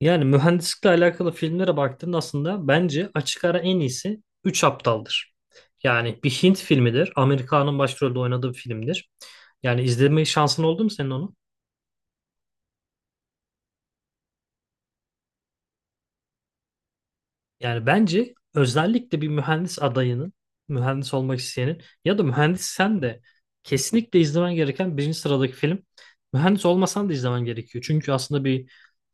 Yani mühendislikle alakalı filmlere baktığında aslında bence açık ara en iyisi Üç Aptal'dır. Yani bir Hint filmidir. Amerika'nın başrolde oynadığı bir filmdir. Yani izleme şansın oldu mu senin onu? Yani bence özellikle bir mühendis adayının, mühendis olmak isteyenin ya da mühendis sen de kesinlikle izlemen gereken birinci sıradaki film. Mühendis olmasan da izlemen gerekiyor. Çünkü aslında bir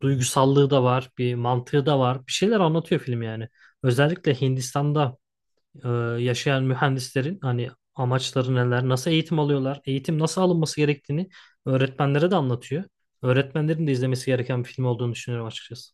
duygusallığı da var, bir mantığı da var. Bir şeyler anlatıyor film yani. Özellikle Hindistan'da e, yaşayan mühendislerin hani amaçları neler, nasıl eğitim alıyorlar, eğitim nasıl alınması gerektiğini öğretmenlere de anlatıyor. Öğretmenlerin de izlemesi gereken bir film olduğunu düşünüyorum açıkçası.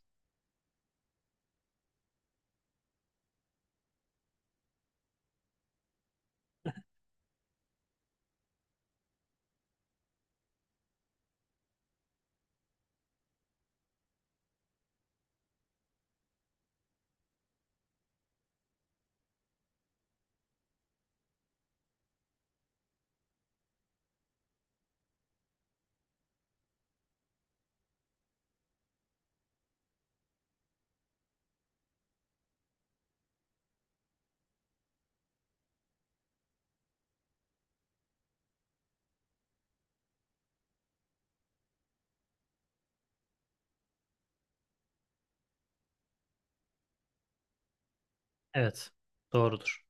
Evet, doğrudur.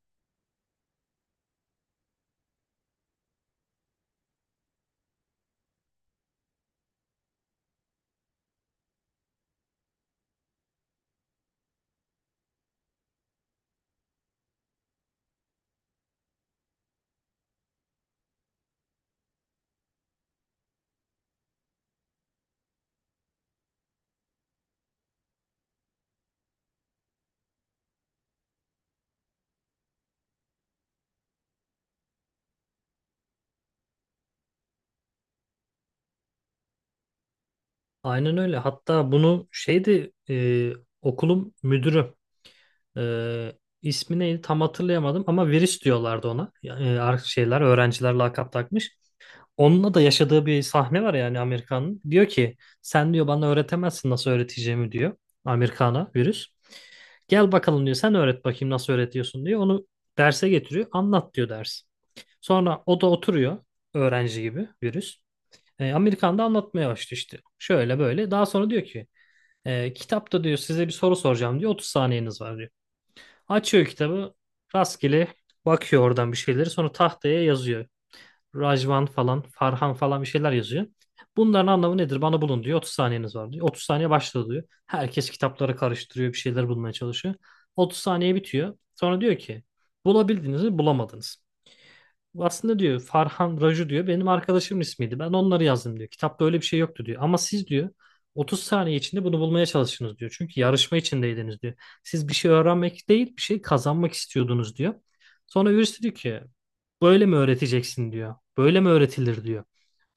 Aynen öyle. Hatta bunu şeydi okulun müdürü, e, ismi neydi tam hatırlayamadım ama virüs diyorlardı ona. Yani, şeyler öğrenciler lakap takmış. Onunla da yaşadığı bir sahne var yani Amerikan'ın. Diyor ki sen diyor bana öğretemezsin nasıl öğreteceğimi diyor Amerikan'a virüs. Gel bakalım diyor. Sen öğret bakayım nasıl öğretiyorsun diyor. Onu derse getiriyor. Anlat diyor ders. Sonra o da oturuyor. Öğrenci gibi virüs. Amerikan da anlatmaya başlıyor işte. Şöyle böyle. Daha sonra diyor ki kitapta diyor size bir soru soracağım diyor. 30 saniyeniz var diyor. Açıyor kitabı. Rastgele bakıyor oradan bir şeyleri. Sonra tahtaya yazıyor. Rajvan falan, Farhan falan bir şeyler yazıyor. Bunların anlamı nedir? Bana bulun diyor. 30 saniyeniz var diyor. 30 saniye başladı diyor. Herkes kitapları karıştırıyor, bir şeyler bulmaya çalışıyor. 30 saniye bitiyor. Sonra diyor ki bulabildiniz mi bulamadınız aslında diyor Farhan Raju diyor benim arkadaşımın ismiydi. Ben onları yazdım diyor. Kitapta öyle bir şey yoktu diyor. Ama siz diyor 30 saniye içinde bunu bulmaya çalıştınız diyor. Çünkü yarışma içindeydiniz diyor. Siz bir şey öğrenmek değil bir şey kazanmak istiyordunuz diyor. Sonra birisi diyor ki böyle mi öğreteceksin diyor. Böyle mi öğretilir diyor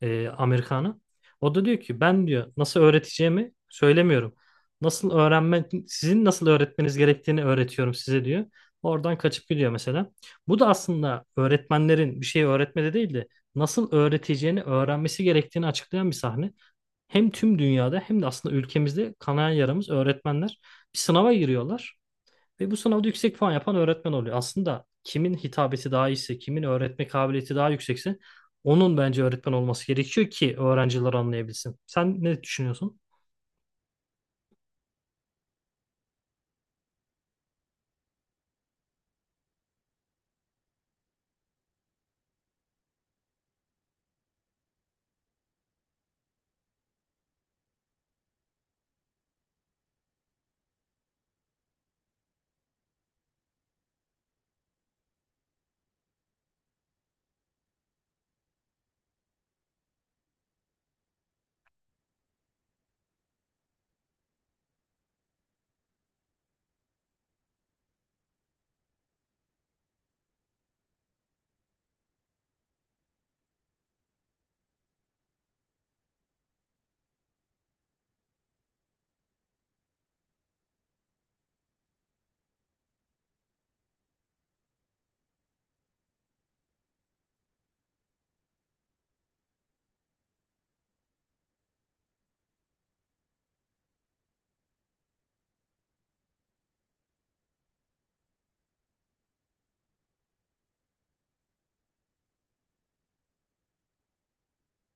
Amerikanı. O da diyor ki ben diyor nasıl öğreteceğimi söylemiyorum. Nasıl öğrenme, sizin nasıl öğretmeniz gerektiğini öğretiyorum size diyor. Oradan kaçıp gidiyor mesela. Bu da aslında öğretmenlerin bir şeyi öğretmede değil de nasıl öğreteceğini öğrenmesi gerektiğini açıklayan bir sahne. Hem tüm dünyada hem de aslında ülkemizde kanayan yaramız öğretmenler bir sınava giriyorlar. Ve bu sınavda yüksek puan yapan öğretmen oluyor. Aslında kimin hitabeti daha iyiyse, kimin öğretme kabiliyeti daha yüksekse onun bence öğretmen olması gerekiyor ki öğrenciler anlayabilsin. Sen ne düşünüyorsun?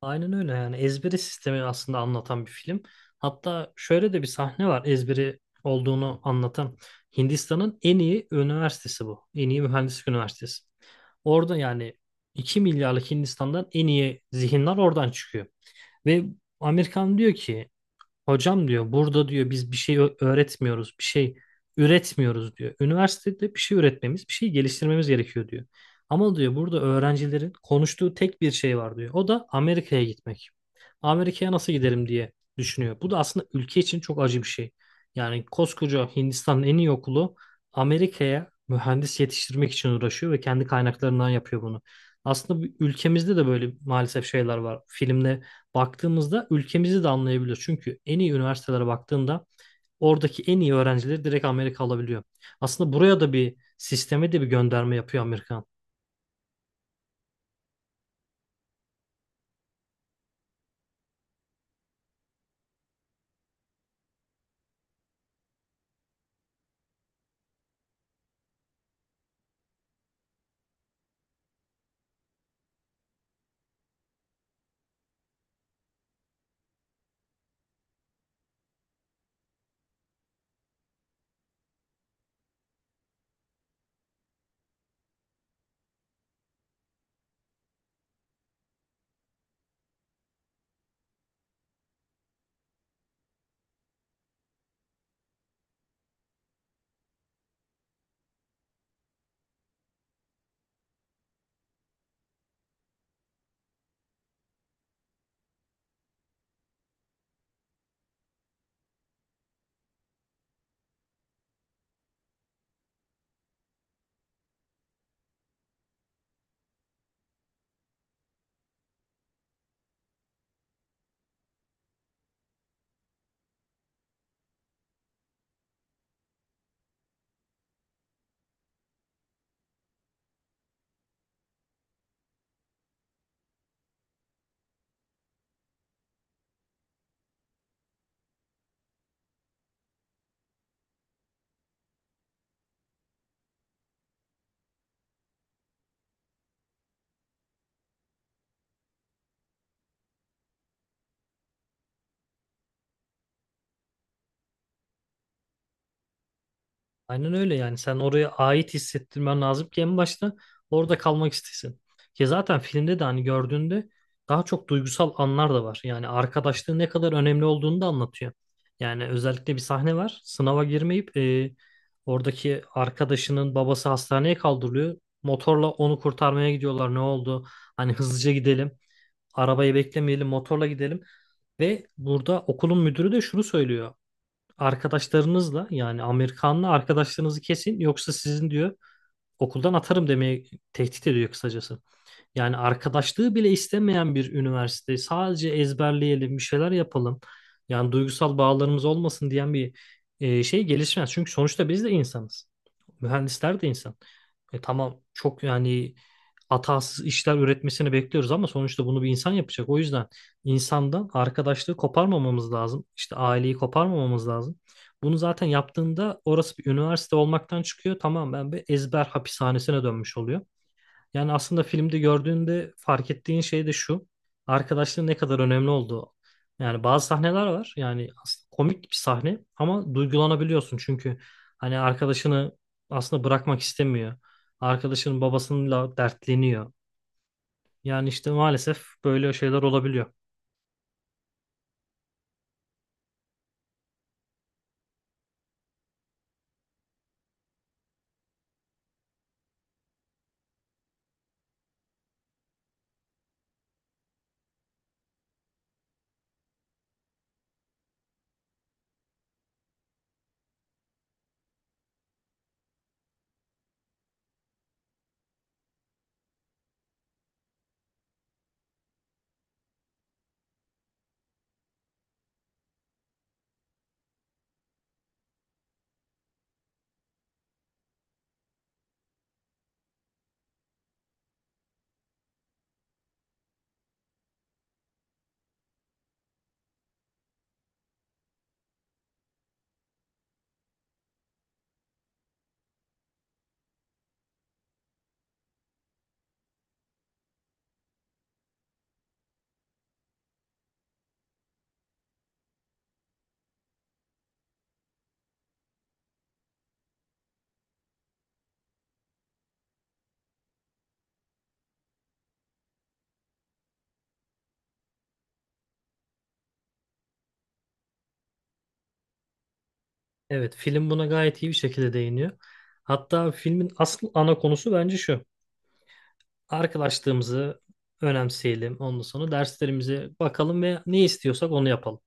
Aynen öyle, yani ezberi sistemi aslında anlatan bir film. Hatta şöyle de bir sahne var ezberi olduğunu anlatan. Hindistan'ın en iyi üniversitesi bu. En iyi mühendislik üniversitesi. Orada yani 2 milyarlık Hindistan'dan en iyi zihinler oradan çıkıyor. Ve Amerikan diyor ki hocam diyor burada diyor biz bir şey öğretmiyoruz, bir şey üretmiyoruz diyor. Üniversitede bir şey üretmemiz, bir şey geliştirmemiz gerekiyor diyor. Ama diyor burada öğrencilerin konuştuğu tek bir şey var diyor. O da Amerika'ya gitmek. Amerika'ya nasıl giderim diye düşünüyor. Bu da aslında ülke için çok acı bir şey. Yani koskoca Hindistan'ın en iyi okulu Amerika'ya mühendis yetiştirmek için uğraşıyor ve kendi kaynaklarından yapıyor bunu. Aslında ülkemizde de böyle maalesef şeyler var. Filmde baktığımızda ülkemizi de anlayabiliyoruz. Çünkü en iyi üniversitelere baktığında oradaki en iyi öğrencileri direkt Amerika alabiliyor. Aslında buraya da bir sisteme de bir gönderme yapıyor Amerika. Aynen öyle, yani sen oraya ait hissettirmen lazım ki en başta orada kalmak istesin. Ki zaten filmde de hani gördüğünde daha çok duygusal anlar da var. Yani arkadaşlığın ne kadar önemli olduğunu da anlatıyor. Yani özellikle bir sahne var. Sınava girmeyip oradaki arkadaşının babası hastaneye kaldırılıyor. Motorla onu kurtarmaya gidiyorlar. Ne oldu? Hani hızlıca gidelim. Arabayı beklemeyelim, motorla gidelim. Ve burada okulun müdürü de şunu söylüyor: arkadaşlarınızla, yani Amerikanlı arkadaşlarınızı kesin yoksa sizin diyor okuldan atarım demeye, tehdit ediyor kısacası. Yani arkadaşlığı bile istemeyen bir üniversite. Sadece ezberleyelim, bir şeyler yapalım. Yani duygusal bağlarımız olmasın diyen bir şey gelişmez. Çünkü sonuçta biz de insanız. Mühendisler de insan. E, tamam, çok yani hatasız işler üretmesini bekliyoruz ama sonuçta bunu bir insan yapacak. O yüzden insandan arkadaşlığı koparmamamız lazım. İşte aileyi koparmamamız lazım. Bunu zaten yaptığında orası bir üniversite olmaktan çıkıyor. Tamam, ben bir ezber hapishanesine dönmüş oluyor. Yani aslında filmde gördüğünde fark ettiğin şey de şu. Arkadaşlığın ne kadar önemli olduğu. Yani bazı sahneler var. Yani aslında komik bir sahne ama duygulanabiliyorsun. Çünkü hani arkadaşını aslında bırakmak istemiyor. Arkadaşının babasıyla dertleniyor. Yani işte maalesef böyle şeyler olabiliyor. Evet, film buna gayet iyi bir şekilde değiniyor. Hatta filmin asıl ana konusu bence şu. Arkadaşlığımızı önemseyelim. Ondan sonra derslerimize bakalım ve ne istiyorsak onu yapalım.